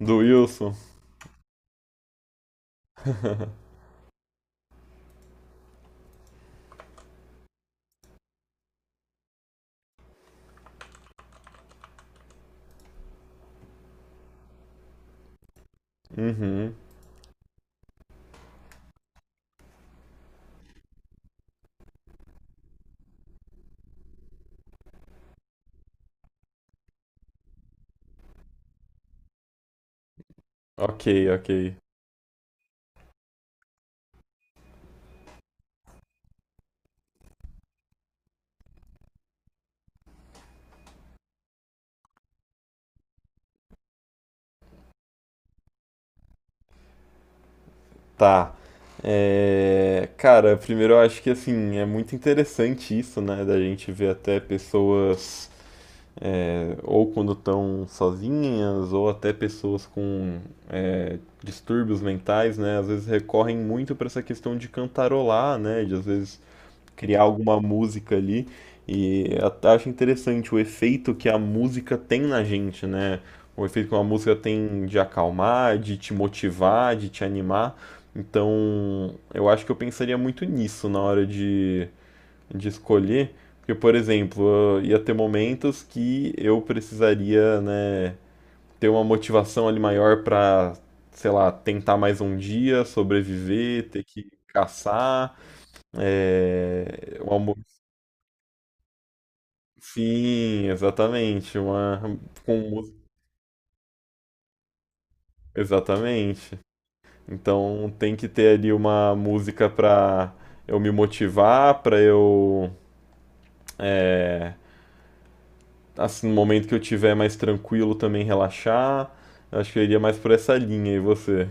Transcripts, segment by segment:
Do Wilson? Uhum. Ok, ok. Tá. É, cara, primeiro eu acho que assim, é muito interessante isso, né? Da gente ver até pessoas, ou quando estão sozinhas, ou até pessoas com distúrbios mentais, né? Às vezes recorrem muito para essa questão de cantarolar, né? De às vezes criar alguma música ali. E eu até acho interessante o efeito que a música tem na gente, né? O efeito que uma música tem de acalmar, de te motivar, de te animar. Então, eu acho que eu pensaria muito nisso na hora de escolher. Porque, por exemplo, eu ia ter momentos que eu precisaria, né, ter uma motivação ali maior para sei lá, tentar mais um dia, sobreviver, ter que caçar. É, uma mo- Sim, exatamente, uma com música, exatamente. Então tem que ter ali uma música pra eu me motivar, pra eu é, assim, no momento que eu tiver mais tranquilo também relaxar. Acho que eu iria mais por essa linha, e você?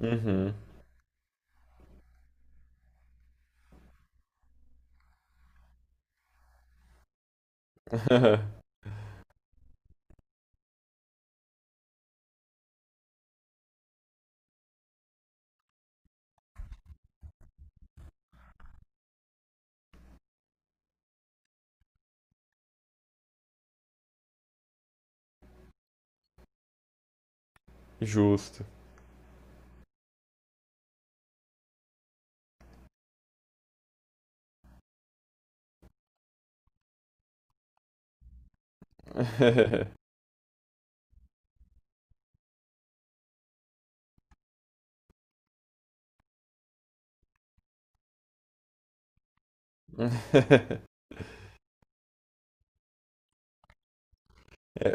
Uhum, justo.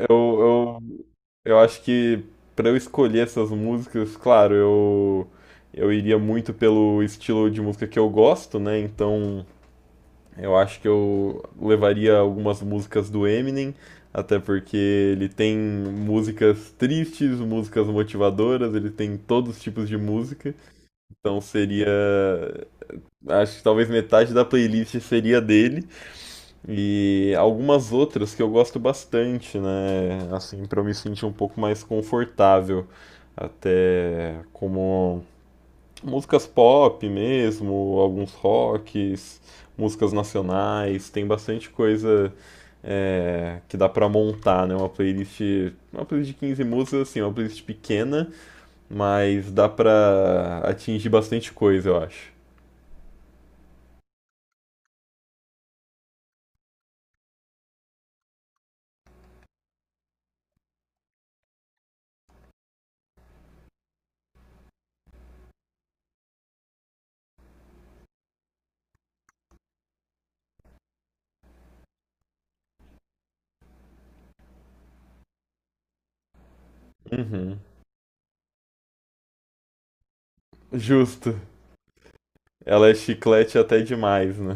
Eu, eu, eu acho que pra eu escolher essas músicas, claro, eu iria muito pelo estilo de música que eu gosto, né? Então eu acho que eu levaria algumas músicas do Eminem, até porque ele tem músicas tristes, músicas motivadoras, ele tem todos os tipos de música. Então seria. Acho que talvez metade da playlist seria dele. E algumas outras que eu gosto bastante, né? Assim, para eu me sentir um pouco mais confortável. Até como músicas pop mesmo, alguns rocks, músicas nacionais, tem bastante coisa que dá pra montar, né? Uma playlist de 15 músicas, assim, uma playlist pequena, mas dá pra atingir bastante coisa, eu acho. Uhum. Justo. Ela é chiclete até demais, né?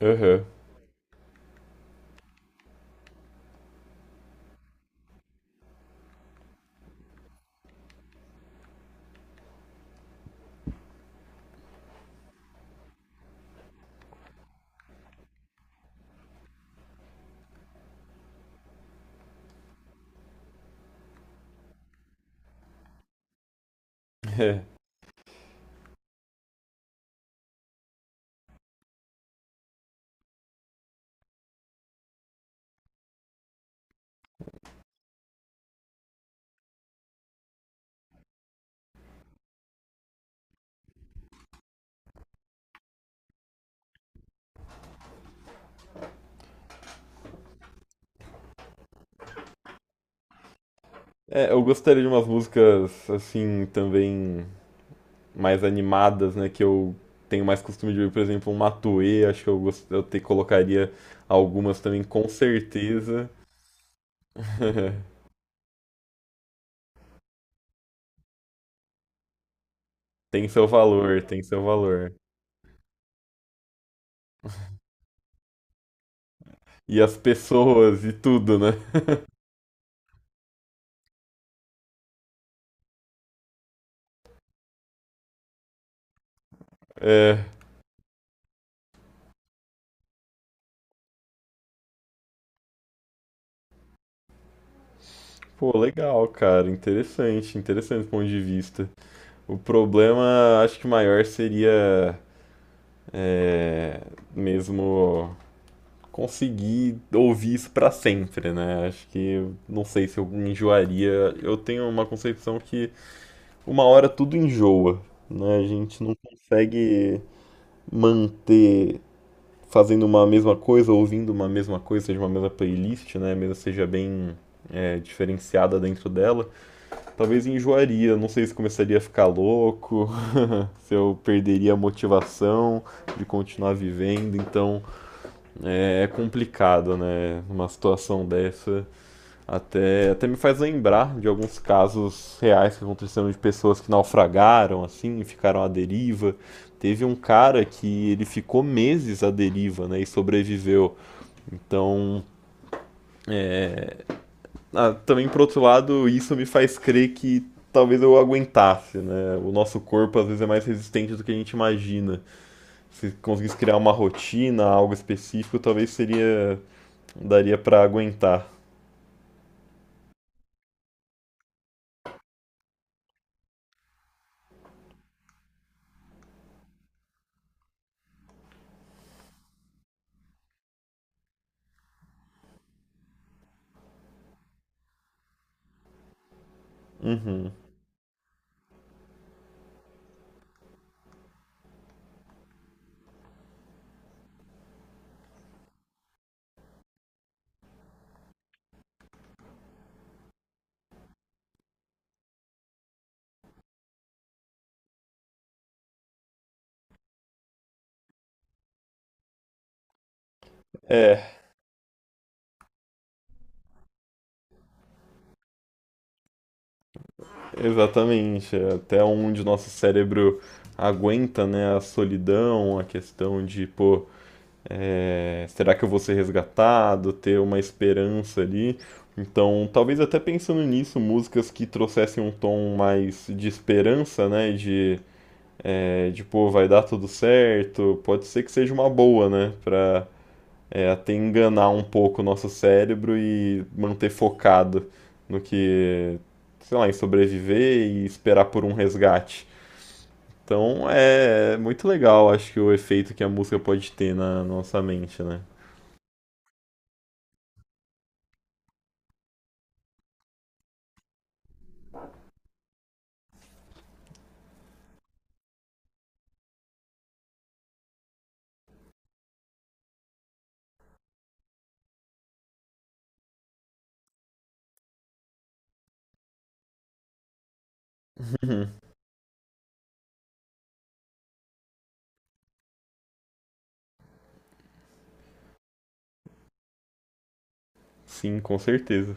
Aham. É. É, eu gostaria de umas músicas assim também mais animadas, né, que eu tenho mais costume de ver, por exemplo, um Matue, acho que eu, gost... eu te colocaria algumas também com certeza. Tem seu valor, tem seu valor. E as pessoas e tudo, né? É, pô, legal, cara. Interessante, interessante o ponto de vista. O problema, acho que maior seria é, mesmo conseguir ouvir isso pra sempre, né? Acho que não sei se eu enjoaria. Eu tenho uma concepção que uma hora tudo enjoa, né? A gente não consegue manter fazendo uma mesma coisa, ouvindo uma mesma coisa, seja uma mesma playlist, né? Mesmo seja bem diferenciada dentro dela, talvez enjoaria. Não sei se começaria a ficar louco, se eu perderia a motivação de continuar vivendo. Então, é complicado, né? Uma situação dessa. Até, até me faz lembrar de alguns casos reais que aconteceram de pessoas que naufragaram, assim, e ficaram à deriva. Teve um cara que ele ficou meses à deriva, né, e sobreviveu. Então, é, também por outro lado, isso me faz crer que talvez eu aguentasse, né? O nosso corpo às vezes é mais resistente do que a gente imagina. Se conseguisse criar uma rotina, algo específico, talvez seria daria para aguentar. É, exatamente. Até onde o nosso cérebro aguenta, né, a solidão, a questão de, pô, será que eu vou ser resgatado, ter uma esperança ali. Então, talvez até pensando nisso, músicas que trouxessem um tom mais de esperança, né, de pô, vai dar tudo certo, pode ser que seja uma boa, né, pra, até enganar um pouco o nosso cérebro e manter focado no que, sei lá, em sobreviver e esperar por um resgate. Então é muito legal, acho que o efeito que a música pode ter na nossa mente, né? Sim, com certeza.